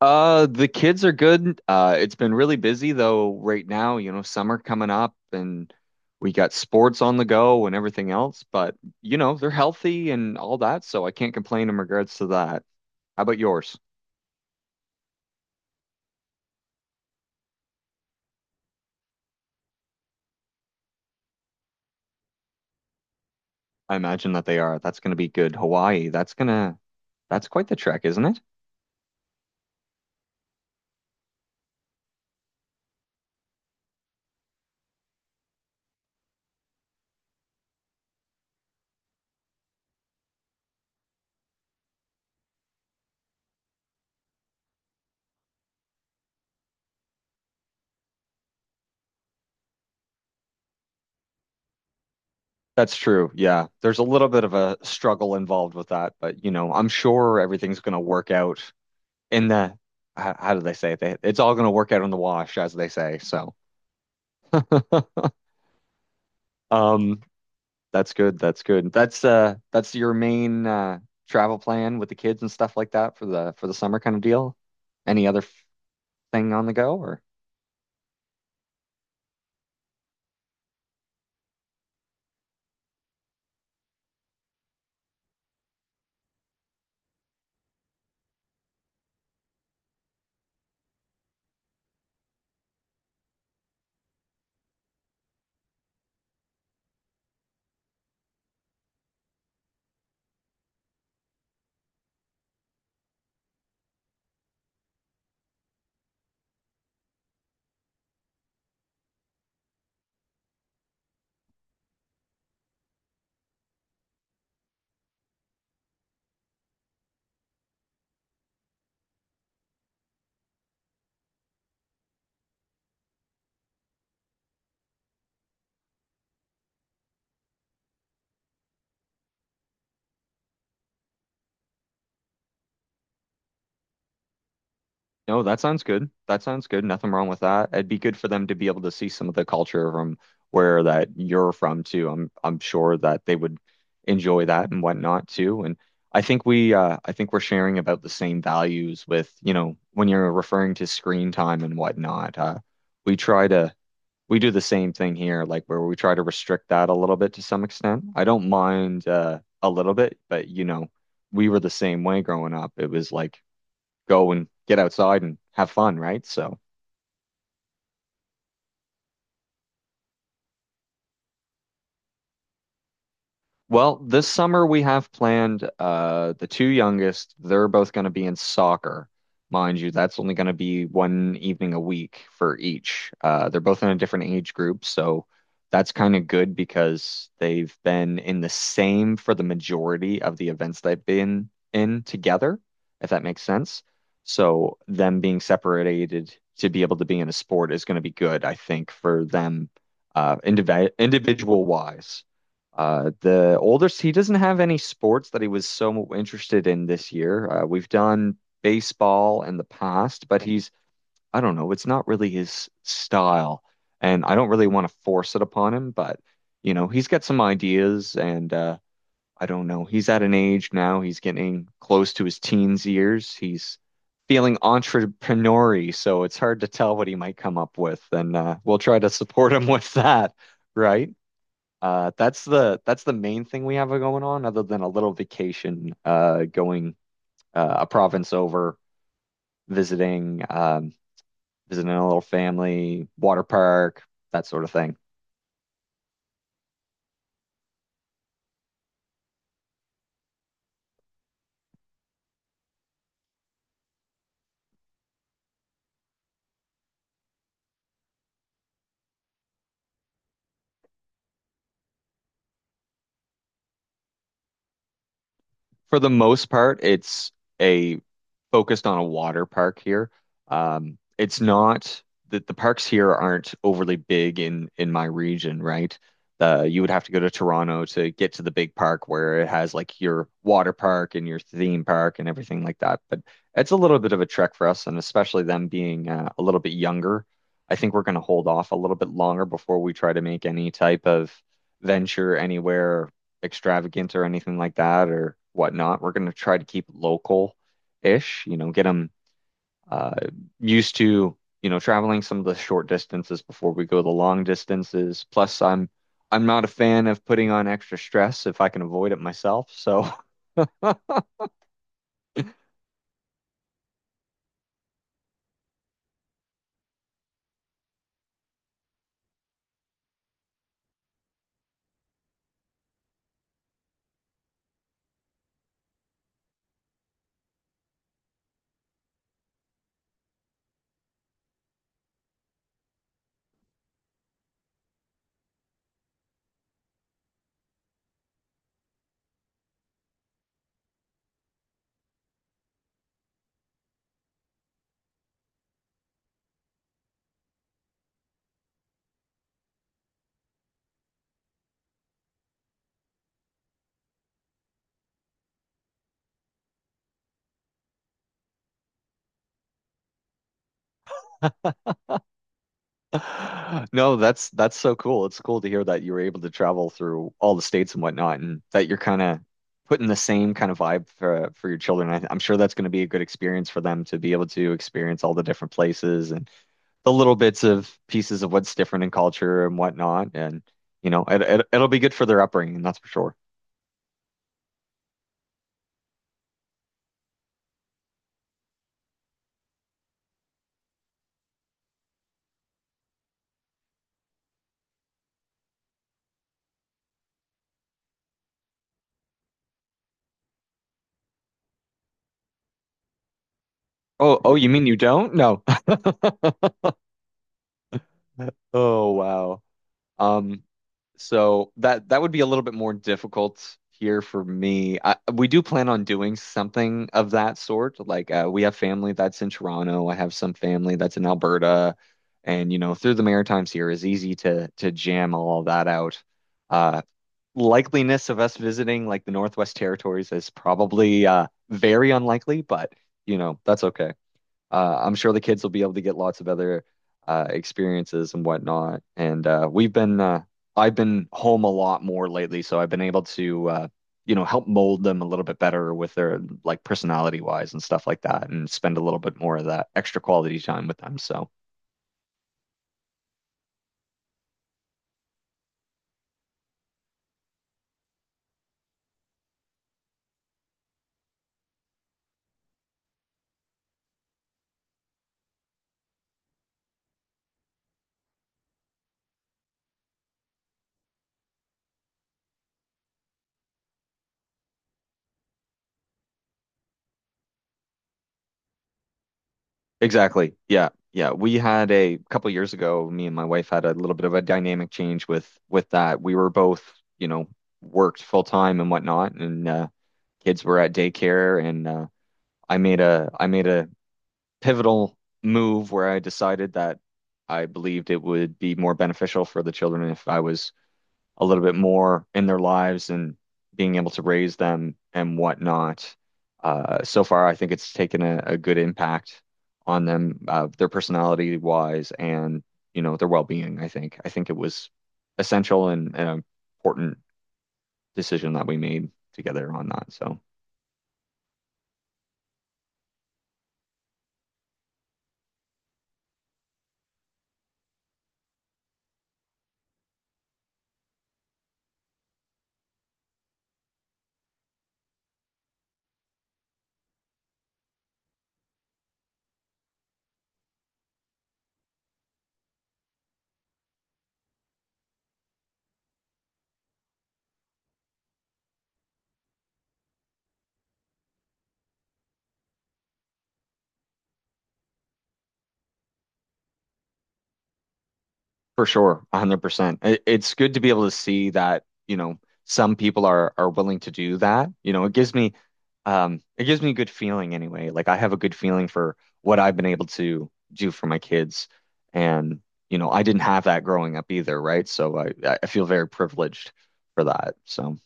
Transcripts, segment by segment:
The kids are good. It's been really busy though right now, you know, summer coming up and we got sports on the go and everything else, but you know, they're healthy and all that, so I can't complain in regards to that. How about yours? I imagine that they are. That's going to be good. Hawaii, that's quite the trek, isn't it? That's true. Yeah. There's a little bit of a struggle involved with that, but you know, I'm sure everything's going to work out in the, how do they say it? It's all going to work out in the wash, as they say. So. Um, that's good. That's good. That's your main travel plan with the kids and stuff like that for the summer kind of deal. Any other thing on the go or? No, that sounds good. That sounds good. Nothing wrong with that. It'd be good for them to be able to see some of the culture from where that you're from too. I'm sure that they would enjoy that and whatnot too. And I think we I think we're sharing about the same values with, you know, when you're referring to screen time and whatnot. We try to We do the same thing here, like where we try to restrict that a little bit to some extent. I don't mind a little bit, but you know, we were the same way growing up. It was like go and get outside and have fun, right? So well, this summer we have planned the two youngest, they're both going to be in soccer. Mind you, that's only going to be one evening a week for each. They're both in a different age group, so that's kind of good because they've been in the same for the majority of the events they've been in together, if that makes sense. So them being separated to be able to be in a sport is going to be good, I think, for them individual wise. The oldest, he doesn't have any sports that he was so interested in this year. We've done baseball in the past, but he's, I don't know, it's not really his style. And I don't really want to force it upon him, but, you know, he's got some ideas and, I don't know. He's at an age now, he's getting close to his teens years. He's feeling entrepreneurial, so it's hard to tell what he might come up with. And, we'll try to support him with that, right? That's the main thing we have going on, other than a little vacation, going a province over, visiting, visiting a little family, water park, that sort of thing. For the most part, it's a focused on a water park here. It's not that the parks here aren't overly big in my region, right? You would have to go to Toronto to get to the big park where it has like your water park and your theme park and everything like that. But it's a little bit of a trek for us, and especially them being a little bit younger. I think we're going to hold off a little bit longer before we try to make any type of venture anywhere extravagant or anything like that or whatnot. We're going to try to keep local ish, you know, get them uh, used to, you know, traveling some of the short distances before we go the long distances. Plus, I'm not a fan of putting on extra stress if I can avoid it myself. So, no, that's so cool. It's cool to hear that you were able to travel through all the states and whatnot, and that you're kind of putting the same kind of vibe for your children. I'm sure that's going to be a good experience for them to be able to experience all the different places and the little bits of pieces of what's different in culture and whatnot. And, you know, it'll be good for their upbringing, that's for sure. Oh, you mean you don't? No. Oh, wow. Um, so that would be a little bit more difficult here for me. We do plan on doing something of that sort. Like we have family that's in Toronto. I have some family that's in Alberta, and you know, through the Maritimes here is easy to jam all that out. Uh, likeliness of us visiting like the Northwest Territories is probably very unlikely, but you know, that's okay. I'm sure the kids will be able to get lots of other experiences and whatnot. And I've been home a lot more lately, so I've been able to, you know, help mold them a little bit better with their like personality wise and stuff like that, and spend a little bit more of that extra quality time with them. So exactly. Yeah. Yeah. We had a couple years ago, me and my wife had a little bit of a dynamic change with that. We were both, you know, worked full time and whatnot, and kids were at daycare, and I made a pivotal move where I decided that I believed it would be more beneficial for the children if I was a little bit more in their lives and being able to raise them and whatnot. So far, I think it's taken a good impact on them, their personality wise and, you know, their well-being, I think. I think it was essential and an important decision that we made together on that. So. For sure, 100%. It's good to be able to see that, you know, some people are willing to do that. You know, it gives me a good feeling anyway. Like I have a good feeling for what I've been able to do for my kids. And, you know, I didn't have that growing up either, right? I feel very privileged for that. So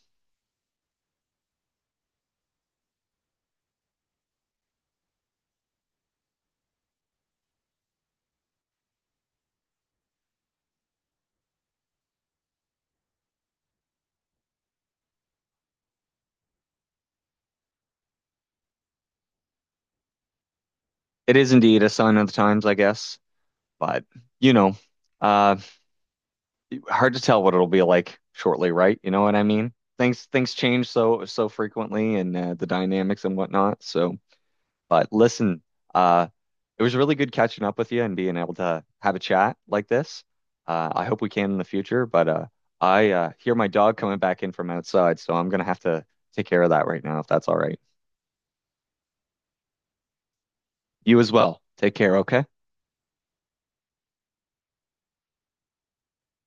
it is indeed a sign of the times, I guess. But, you know, uh hard to tell what it'll be like shortly, right? You know what I mean? Things change so frequently and the dynamics and whatnot. So, but listen, uh, it was really good catching up with you and being able to have a chat like this. I hope we can in the future, but I hear my dog coming back in from outside, so I'm gonna have to take care of that right now if that's all right. You as well. Take care, okay?